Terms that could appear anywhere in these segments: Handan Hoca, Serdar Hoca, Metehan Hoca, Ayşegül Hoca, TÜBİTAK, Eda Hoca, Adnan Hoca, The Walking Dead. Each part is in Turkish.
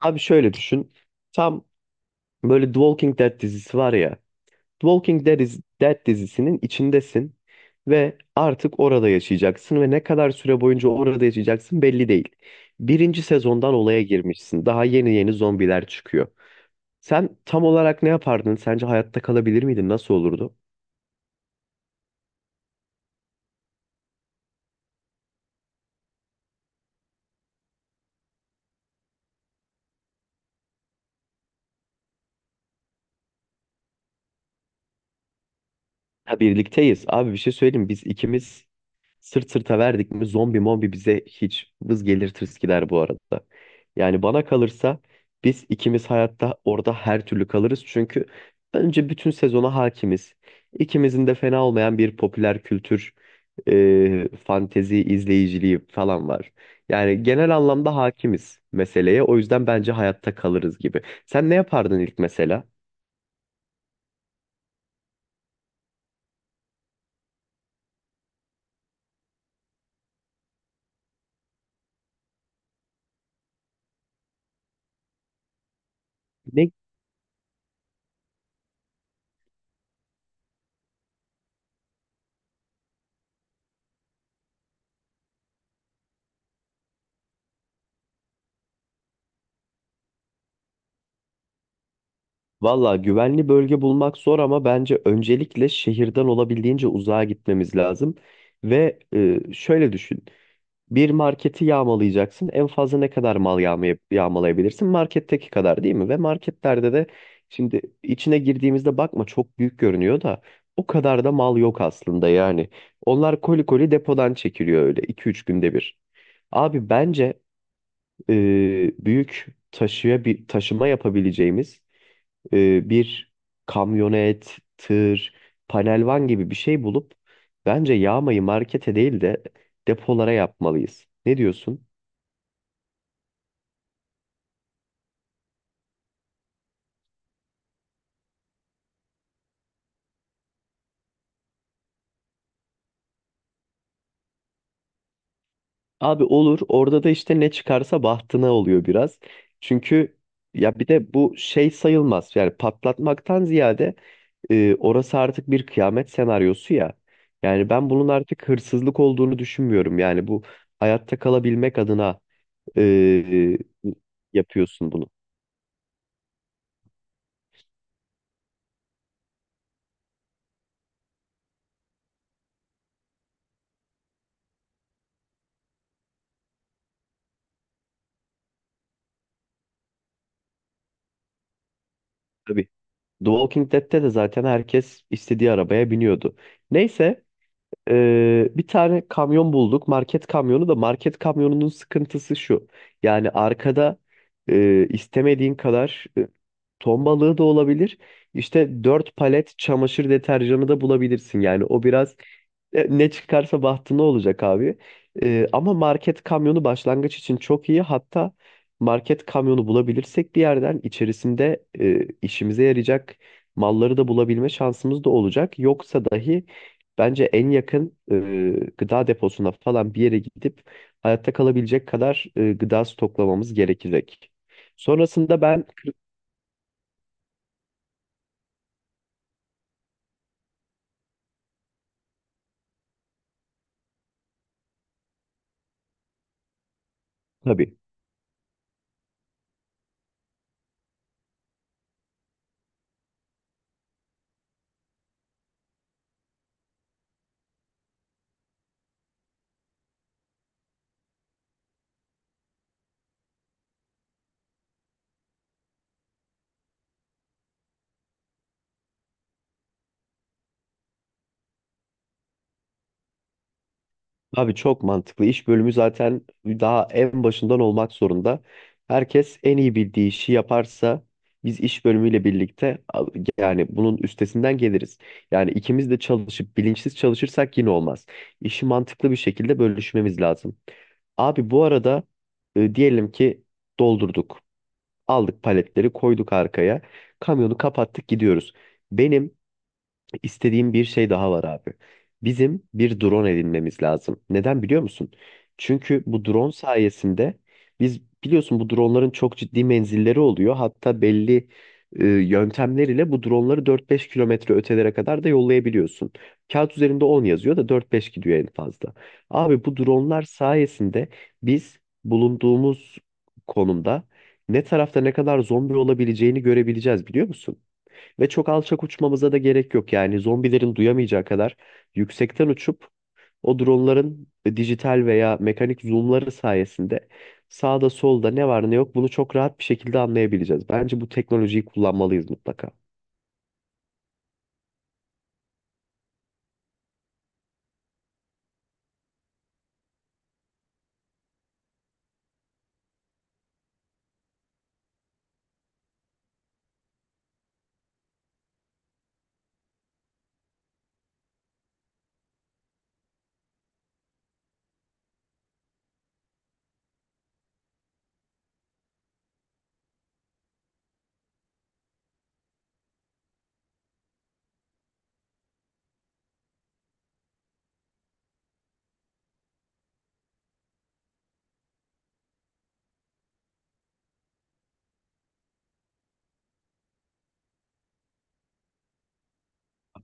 Abi şöyle düşün. Tam böyle The Walking Dead dizisi var ya. The Walking Dead, Dead dizisinin içindesin ve artık orada yaşayacaksın ve ne kadar süre boyunca orada yaşayacaksın belli değil. Birinci sezondan olaya girmişsin. Daha yeni yeni zombiler çıkıyor. Sen tam olarak ne yapardın? Sence hayatta kalabilir miydin? Nasıl olurdu? Ha, birlikteyiz. Abi bir şey söyleyeyim. Biz ikimiz sırt sırta verdik mi zombi mombi bize hiç vız gelir tırıs bu arada. Yani bana kalırsa biz ikimiz hayatta orada her türlü kalırız. Çünkü önce bütün sezona hakimiz. İkimizin de fena olmayan bir popüler kültür, fantezi izleyiciliği falan var. Yani genel anlamda hakimiz meseleye. O yüzden bence hayatta kalırız gibi. Sen ne yapardın ilk mesela? Ne? Valla güvenli bölge bulmak zor ama bence öncelikle şehirden olabildiğince uzağa gitmemiz lazım. Ve şöyle düşün. Bir marketi yağmalayacaksın. En fazla ne kadar mal yağmalayabilirsin? Marketteki kadar değil mi? Ve marketlerde de şimdi içine girdiğimizde bakma, çok büyük görünüyor da o kadar da mal yok aslında yani. Onlar koli koli depodan çekiliyor, öyle iki üç günde bir. Abi bence büyük taşıya bir taşıma yapabileceğimiz bir kamyonet, tır, panelvan gibi bir şey bulup bence yağmayı markete değil de depolara yapmalıyız. Ne diyorsun? Abi olur. Orada da işte ne çıkarsa bahtına oluyor biraz. Çünkü ya bir de bu şey sayılmaz. Yani patlatmaktan ziyade orası artık bir kıyamet senaryosu ya. Yani ben bunun artık hırsızlık olduğunu düşünmüyorum. Yani bu hayatta kalabilmek adına e, yapıyorsun bunu. Tabii. The Walking Dead'te de zaten herkes istediği arabaya biniyordu. Neyse. Bir tane kamyon bulduk. Market kamyonu da, market kamyonunun sıkıntısı şu. Yani arkada istemediğin kadar ton balığı da olabilir. İşte 4 palet çamaşır deterjanı da bulabilirsin. Yani o biraz ne çıkarsa bahtına olacak abi. Ama market kamyonu başlangıç için çok iyi. Hatta market kamyonu bulabilirsek bir yerden, içerisinde işimize yarayacak malları da bulabilme şansımız da olacak. Yoksa dahi bence en yakın gıda deposuna falan bir yere gidip hayatta kalabilecek kadar gıda stoklamamız gerekecek. Sonrasında ben tabii. Abi çok mantıklı. İş bölümü zaten daha en başından olmak zorunda. Herkes en iyi bildiği işi yaparsa biz iş bölümüyle birlikte yani bunun üstesinden geliriz. Yani ikimiz de çalışıp bilinçsiz çalışırsak yine olmaz. İşi mantıklı bir şekilde bölüşmemiz lazım. Abi bu arada diyelim ki doldurduk. Aldık, paletleri koyduk arkaya. Kamyonu kapattık, gidiyoruz. Benim İstediğim bir şey daha var abi. Bizim bir drone edinmemiz lazım. Neden biliyor musun? Çünkü bu drone sayesinde, biz biliyorsun, bu droneların çok ciddi menzilleri oluyor. Hatta belli yöntemler ile bu droneları 4-5 kilometre ötelere kadar da yollayabiliyorsun. Kağıt üzerinde 10 yazıyor da 4-5 gidiyor en fazla. Abi bu dronelar sayesinde biz bulunduğumuz konumda ne tarafta ne kadar zombi olabileceğini görebileceğiz, biliyor musun? Ve çok alçak uçmamıza da gerek yok, yani zombilerin duyamayacağı kadar yüksekten uçup o dronların dijital veya mekanik zoomları sayesinde sağda solda ne var ne yok bunu çok rahat bir şekilde anlayabileceğiz. Bence bu teknolojiyi kullanmalıyız mutlaka.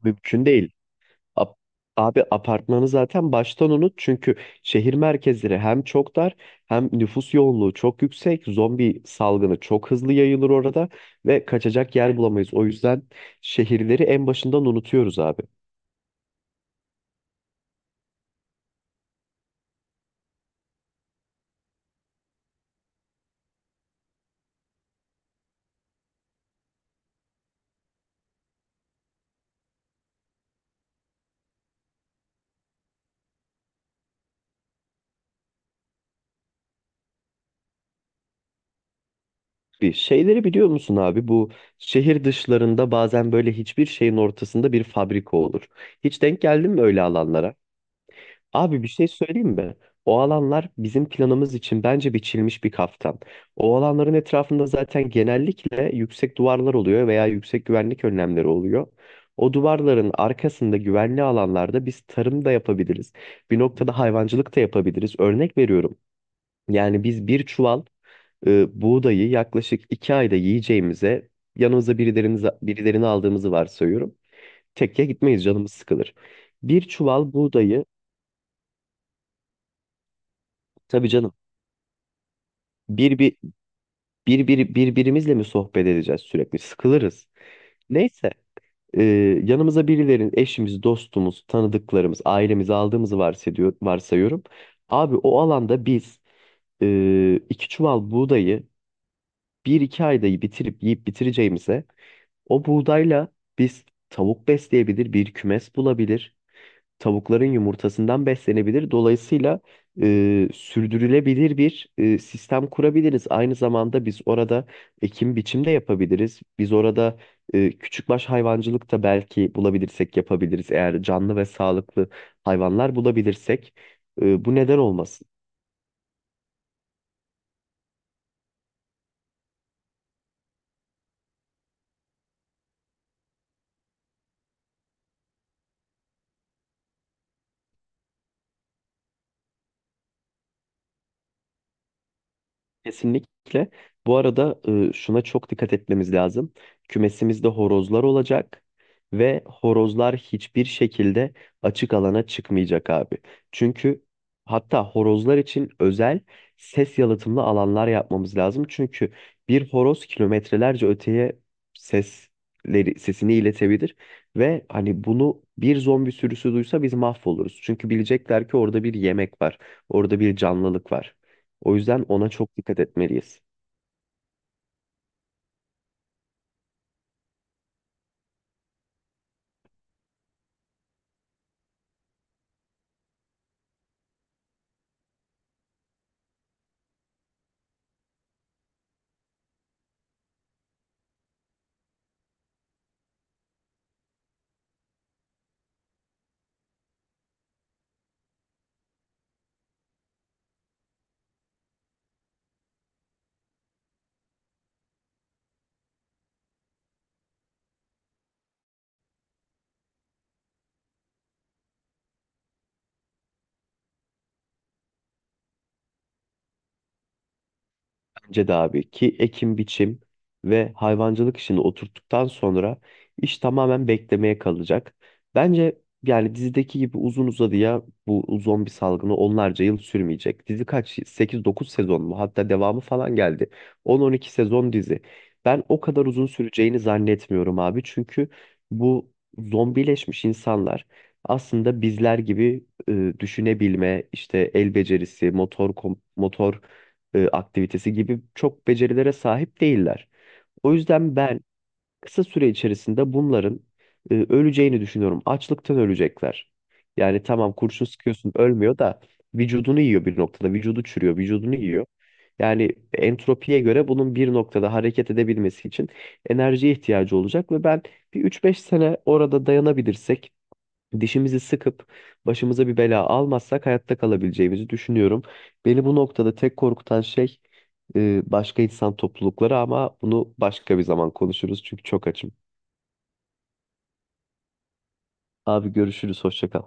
Mümkün değil. Ap- Abi apartmanı zaten baştan unut, çünkü şehir merkezleri hem çok dar hem nüfus yoğunluğu çok yüksek. Zombi salgını çok hızlı yayılır orada ve kaçacak yer bulamayız. O yüzden şehirleri en başından unutuyoruz abi. Bir şeyleri biliyor musun abi? Bu şehir dışlarında bazen böyle hiçbir şeyin ortasında bir fabrika olur. Hiç denk geldin mi öyle alanlara? Abi bir şey söyleyeyim mi? O alanlar bizim planımız için bence biçilmiş bir kaftan. O alanların etrafında zaten genellikle yüksek duvarlar oluyor veya yüksek güvenlik önlemleri oluyor. O duvarların arkasında güvenli alanlarda biz tarım da yapabiliriz. Bir noktada hayvancılık da yapabiliriz. Örnek veriyorum. Yani biz bir çuval buğdayı yaklaşık 2 ayda yiyeceğimize, yanımıza birilerini aldığımızı varsayıyorum. Tekke gitmeyiz, canımız sıkılır. Bir çuval buğdayı, tabii canım, bir, bir, birbirimizle mi sohbet edeceğiz, sürekli sıkılırız. Neyse, e, yanımıza birilerin, eşimiz, dostumuz, tanıdıklarımız, ailemizi aldığımızı varsayıyorum. Abi o alanda biz iki çuval buğdayı bir iki ayda bitirip yiyip bitireceğimize, o buğdayla biz tavuk besleyebilir, bir kümes bulabilir, tavukların yumurtasından beslenebilir. Dolayısıyla sürdürülebilir bir sistem kurabiliriz. Aynı zamanda biz orada ekim biçim de yapabiliriz. Biz orada küçükbaş hayvancılık da, belki bulabilirsek, yapabiliriz. Eğer canlı ve sağlıklı hayvanlar bulabilirsek, bu neden olmasın? Kesinlikle. Bu arada şuna çok dikkat etmemiz lazım. Kümesimizde horozlar olacak ve horozlar hiçbir şekilde açık alana çıkmayacak abi. Çünkü, hatta, horozlar için özel ses yalıtımlı alanlar yapmamız lazım. Çünkü bir horoz kilometrelerce öteye sesini iletebilir ve hani bunu bir zombi sürüsü duysa biz mahvoluruz. Çünkü bilecekler ki orada bir yemek var, orada bir canlılık var. O yüzden ona çok dikkat etmeliyiz. Bence de abi ki ekim biçim ve hayvancılık işini oturttuktan sonra iş tamamen beklemeye kalacak. Bence yani dizideki gibi uzun uzadıya bu zombi salgını onlarca yıl sürmeyecek. Dizi kaç? 8-9 sezon mu? Hatta devamı falan geldi. 10-12 sezon dizi. Ben o kadar uzun süreceğini zannetmiyorum abi. Çünkü bu zombileşmiş insanlar aslında bizler gibi düşünebilme, işte el becerisi, motor aktivitesi gibi çok becerilere sahip değiller. O yüzden ben kısa süre içerisinde bunların öleceğini düşünüyorum. Açlıktan ölecekler. Yani tamam, kurşun sıkıyorsun ölmüyor da vücudunu yiyor bir noktada. Vücudu çürüyor, vücudunu yiyor. Yani entropiye göre bunun bir noktada hareket edebilmesi için enerjiye ihtiyacı olacak ve ben bir üç beş sene orada dayanabilirsek, dişimizi sıkıp başımıza bir bela almazsak, hayatta kalabileceğimizi düşünüyorum. Beni bu noktada tek korkutan şey başka insan toplulukları, ama bunu başka bir zaman konuşuruz çünkü çok açım. Abi görüşürüz, hoşça kal.